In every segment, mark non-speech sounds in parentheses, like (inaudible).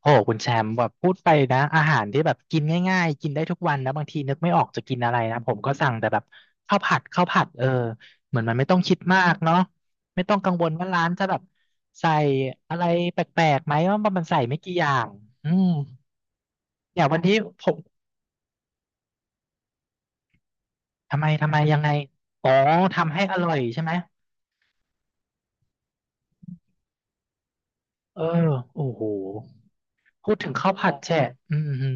โอ้โหคุณแชมป์แบบพูดไปนะอาหารที่แบบกินง่ายๆกินได้ทุกวันนะบางทีนึกไม่ออกจะกินอะไรนะผมก็สั่งแต่แบบข้าวผัดข้าวผัดเออเหมือนมันไม่ต้องคิดมากเนาะไม่ต้องกังวลว่าร้านจะแบบใส่อะไรแปลกๆไหมว่ามันใส่ไม่กี่อย่างอืมอย่างวันนี้ผมทำไมยังไงอ๋อทำให้อร่อยใช่ไหมเออโอ้โห พูดถึงข้าวผัดแฉะอือหือ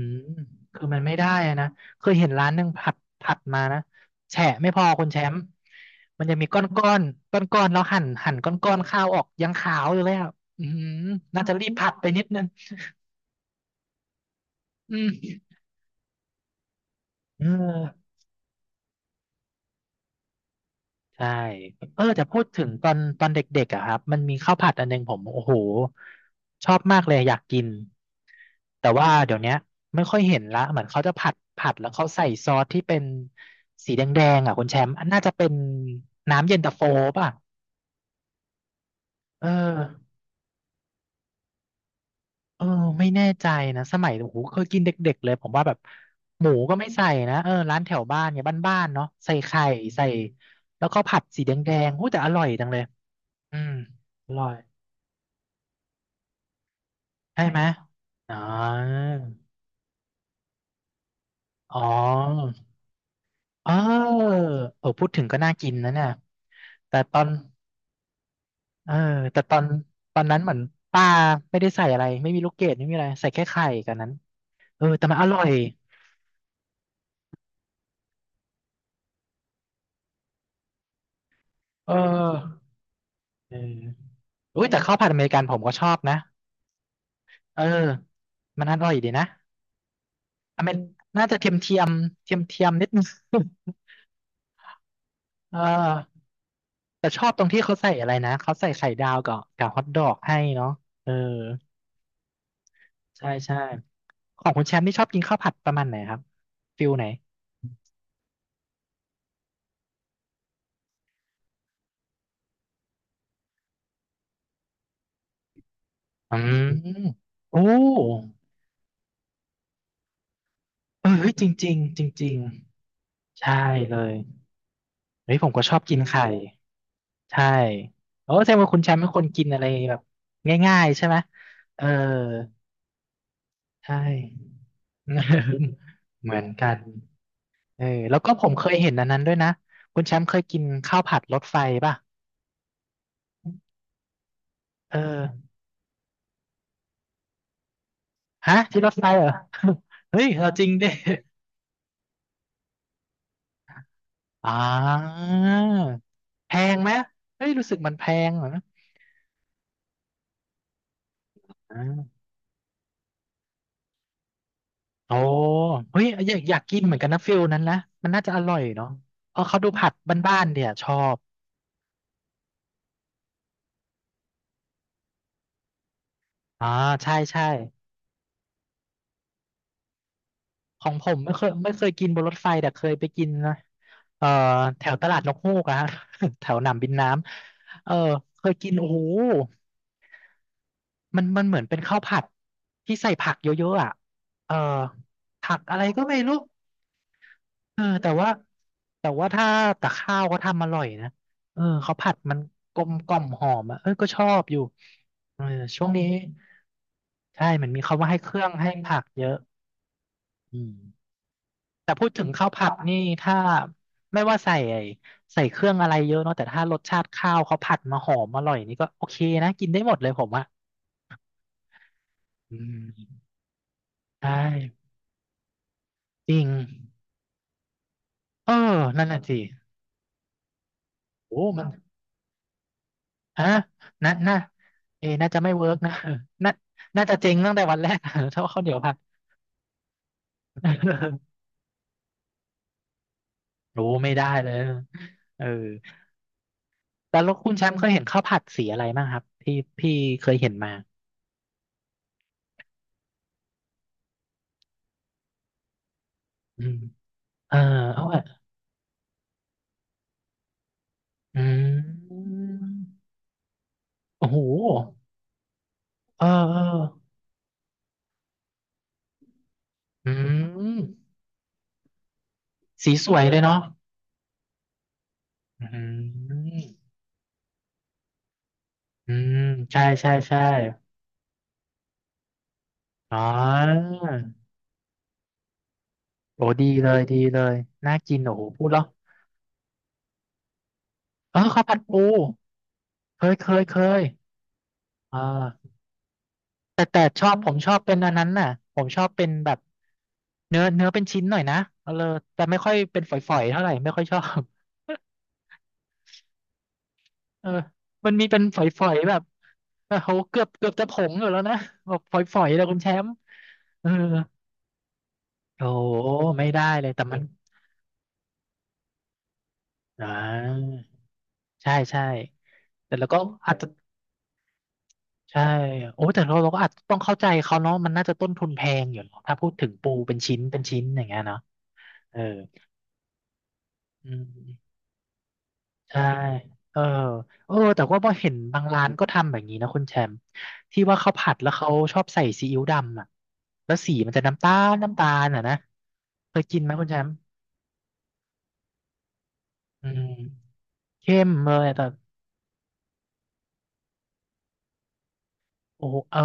คือมันไม่ได้อะนะเคยเห็นร้านหนึ่งผัดผัดมานะแฉะไม่พอคุณแชมป์มันจะมีก้อนก้อนก้อนก้อนๆแล้วหั่นก้อนก้อนข้าวออกยังขาวอยู่เลยอ่ะอือหือน่าจะรีบผัดไปนิดนึงอืมเออ ใช่เออแต่พูดถึงตอนเด็กๆอะครับมันมีข้าวผัดอันหนึงผมโอ้โหชอบมากเลยอยากกินแต่ว่าเดี๋ยวเนี้ยไม่ค่อยเห็นละเหมือนเขาจะผัดแล้วเขาใส่ซอสที่เป็นสีแดงๆอ่ะคุณแชมป์อันน่าจะเป็นน้ำเย็นตาโฟป่ะเออเออไม่แน่ใจนะสมัยโอ้โหเคยกินเด็กๆเลยผมว่าแบบหมูก็ไม่ใส่นะเออร้านแถวบ้านเนี่ยบ้านๆเนาะใส่ไข่ใส่แล้วก็ผัดสีแดงๆโอ้แต่อร่อยจังเลยอืมอร่อย ใช่ไหมอ๋ออ๋อเออเออพูดถึงก็น่ากินนะเนี่ยแต่ตอนเออ แต่ตอนนั้นเหมือนป้าไม่ได้ใส่อะไรไม่มีลูกเกดไม่มีอะไรใส่แค่ไข่กันนั้นเออแต่มันอร่อยเออเอออุ้ยแต่ข้าวผัดอเมริกันผมก็ชอบนะเออมันอร่อยดีนะอเมริน่าจะเทียมเทียมนิดนึง (laughs) เออแต่ชอบตรงที่เขาใส่อะไรนะเขาใส่ไข่ดาวกับฮอทดอกให้เนาะเออ ใช่ของคุณแชมป์นี่ชอบกินข้าวผัดประมาณไหนครับฟิลไหนอืมโอ้เออเฮ้ยจริงๆจริงๆใช่เลยเฮ้ยผมก็ชอบกินไข่ใช่โอ้แสดงว่าคุณแชมป์เป็นคนกินอะไรแบบง่ายๆใช่ไหมเออใช่ (laughs) เหมือนกันเออแล้วก็ผมเคยเห็นอันนั้นด้วยนะคุณแชมป์เคยกินข้าวผัดรถไฟป่ะเออฮะที่รถไฟเหรอ (laughs) เฮ้ยเราจริงดิ อ่าแพงไหมเฮ้ยรู้สึกมันแพงเหรออ่าโอ้เฮ้ยอยากกินเหมือนกันนะฟิลนั้นนะมันน่าจะอร่อยเนาะเพราะเขาดูผัดบ้านๆเนี่ยชอบอ่าใช่ของผมไม่เคยกินบนรถไฟแต่เคยไปกินนะเอ่อแถวตลาดนกฮูกอะฮะ (laughs) แถวหนามบินน้ำเออเคยกินโอ้โหมันเหมือนเป็นข้าวผัดที่ใส่ผักเยอะๆอ่ะเออผักอะไรก็ไม่รู้ เออแต่ว่าถ้าแต่ข้าวเขาทำอร่อยนะเออเขาผัดมันกลมกล่อมหอมอ่ะเออก็ชอบอยู่เออช่วงนี้ใช่มันมีเขาว่าให้เครื่องให้ผักเยอะอืมแต่พูดถึงข้าวผัดนี่ถ้าไม่ว่าใส่ไอ้ใส่เครื่องอะไรเยอะเนาะแต่ถ้ารสชาติข้าวเขาผัดมาหอมอร่อยนี่ก็โอเคนะกินได้หมดเลยผมอ่ะอืมใช่จริงเออนั่นน่ะสิโอ้มัน ฮะน่าเอะน่าจะไม่เวิร์กนะ น่าน่าจะเจ๊งตั้งแต่วันแรก (laughs) ถ้าว่าข้าวเหนียวผัด (laughs) รู้ไม่ได้เลยเออแต่แล้วคุณแชมป์เคยเห็นข้าวผัดสีอะไรบ้างครับที่พี่เคยเห็นมาอืมเออเอาอะอืมโอ้โหเออเอออืมสีสวยเลยเนาะอืมอืมใช่อ๋อโอ้ดีเลยน่ากิน โอ้โหพูดแล้วเออข้าวผัดปู เคยอ่าแต่แต่ชอบผมชอบเป็นอันนั้นน่ะผมชอบเป็นแบบเนื้อเป็นชิ้นหน่อยนะเออแต่ไม่ค่อยเป็นฝอยๆเท่าไหร่ไม่ค่อยชอบ (laughs) เออมันมีเป็นฝอยๆแบบโอ้โหเกือบจะผงอยู่แล้วนะแบบฝอยๆเลยคุณแชมป์เออโอ้โหไม่ได้เลยแต่มันอ่าใช่แต่เราก็อาจจะใช่โอ้แต่เราก็อาจจะต้องเข้าใจเขาเนาะมันน่าจะต้นทุนแพงอยู่เนอะถ้าพูดถึงปูเป็นชิ้นเป็นชิ้นอย่างเงี้ยเนาะเออ อืมใช่เออเออแต่ว่าพอเห็นบางร้านก็ทำแบบนี้นะคุณแชมป์ที่ว่าเขาผัดแล้วเขาชอบใส่ซีอิ๊วดำอ่ะแล้วสีมันจะน้ำตาลน้ำตาลอ่ะนะเคยกินไหมคุณแชมป์อืมเข้มเลยแต่โอ้โหเออ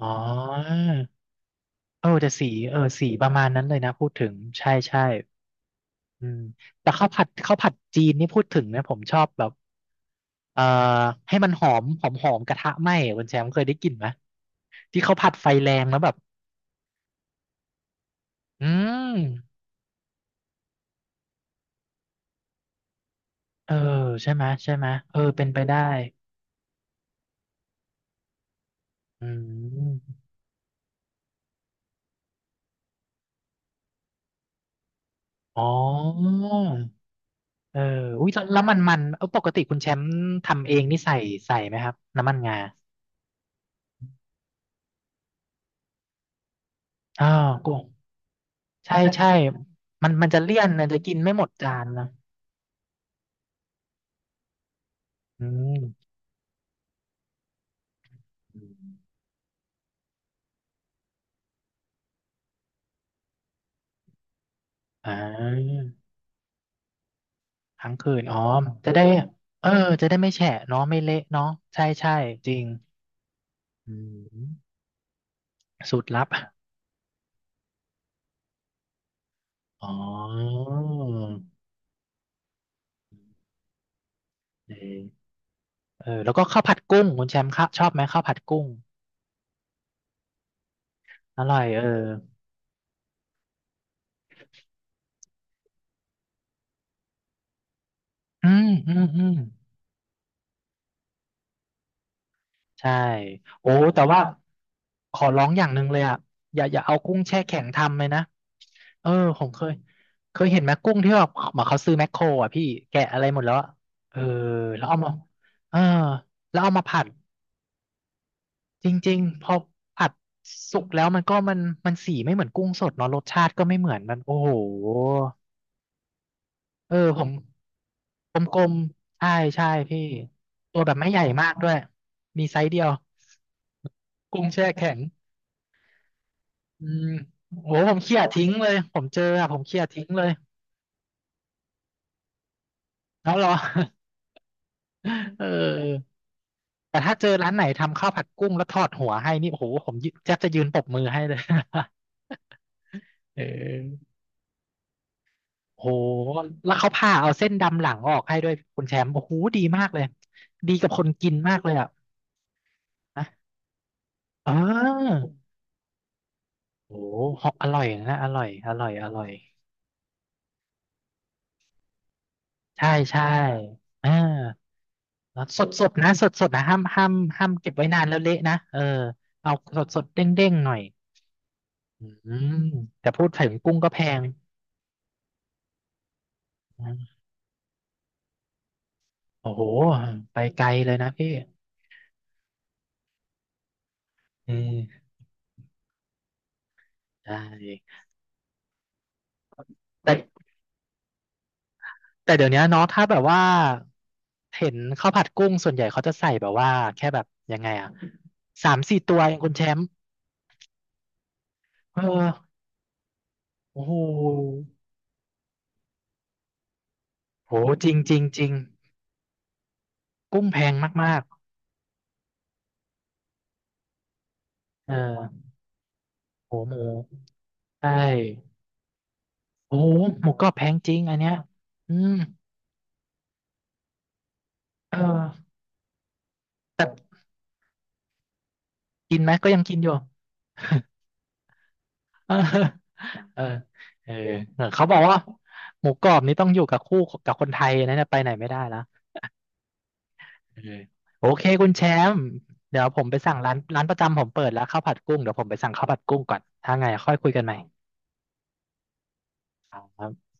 อ๋อเออแต่สีเออสีประมาณนั้นเลยนะพูดถึงใช่ใช่อืมแต่ข้าวผัดข้าวผัดจีนนี่พูดถึงเนี่ยผมชอบแบบเอ่อให้มันหอมหอมหอมกระทะไหม้อะคุณแชมป์เคยได้กลิ่นไหมที่เขาผัดไฟแรงแล้วแบบ อืมเออใช่ไหมใช่ไหมเออเป็นไปได้อืมอ๋อเอออุ้ยแล้วแล้วมันมันเออปกติคุณแชมป์ทำเองนี่ใส่ใส่ไหมครับน้ำมันงาอ้าวก็ใช่ใช่มันมันจะเลี่ยนนะจะกินไม่หมดจานนะอืมอมอ่าทั้งคืนอ๋อจะได้เออจะได้ไม่แฉะเนาะไม่เละเนาะใช่ใช่จริงอืมสูตรลับอ๋อเออ เออแล้วก็ข้าวผัดกุ้งคุณแชมป์ครชอบไหมข้าวผัดกุ้งอร่อยเอออืมอืมอืมใช่โอ้แต่ว่าขอร้องอย่างหนึ่งเลยอ่ะอย่าอย่าเอากุ้งแช่แข็งทำเลยนะเออผมเคยเคยเห็นไหมกุ้งที่แบบเหมือนเขาซื้อแมคโครอ่ะพี่แกะอะไรหมดแล้วอะเออแล้วเอามาเออแล้วเอามาผัดจริงๆพอผัดสุกแล้วมันก็มันมันสีไม่เหมือนกุ้งสดเนาะรสชาติก็ไม่เหมือนมันโอ้โหเออผม กลมๆใช่ใช่พี่ตัวแบบไม่ใหญ่มากด้วย มีไซส์เดียวกุ้งแช่แข็งอืมโหผมเขี่ยทิ้งเลยผมเจออะผมเขี่ยทิ้งเลยแล้วเหรอ (laughs) เออแต่ถ้าเจอร้านไหนทำข้าวผัดกุ้งแล้วทอดหัวให้นี่โอ้โหผมยืนแทบจะยืนปรบมือให้เลย (laughs) เออโหแล้วเขาผ่าเอาเส้นดำหลังออกให้ด้วยคุณแชมป์โอ้โหดีมากเลย ดีกับคนกินมากเลยอ่ะนะเออโอ้โหอร่อยนะอร่อยอร่อยอร่อย ใช่ใช่เอ่าแล้วสดสดนะสดสดนะห้ามห้ามห้ามเก็บไว้นานแล้วเละนะ เออเอาสดสดเด้งเด้งๆหน่อยอืมแต่พูดถึงกุ้งก็แพงอืมโอ้โห ไปไกลเลยนะพี่เออใช่แต่แต่เดี๋ยวนี้เนาะถ้าแบบว่าเห็นข้าวผัดกุ้งส่วนใหญ่เขาจะใส่แบบว่าแค่แบบยังไงอะสามสี่ตัวเองคุณแชมป์เออโอ้โหโหจริงจริงจริงกุ้งแพงมากๆเออโหหมู ใช่โอ้โหหมูกรอบแพงจริงอันเนี้ยอืมเออแต่กินไหมก็ยังกินอยู่ (laughs) เออเออเออเออเขาบอกว่าหมูกรอบนี้ต้องอยู่กับคู่กับคนไทยนะเนี่ยไปไหนไม่ได้แล้วเออโอเคคุณแชมป์เดี๋ยวผมไปสั่งร้านร้านประจำผมเปิดแล้วข้าวผัดกุ้ง เดี๋ยวผมไปสั่งข้าวผัดกุ้งก่อน ถ้าไงค่อยคุยกันใหม่ครับ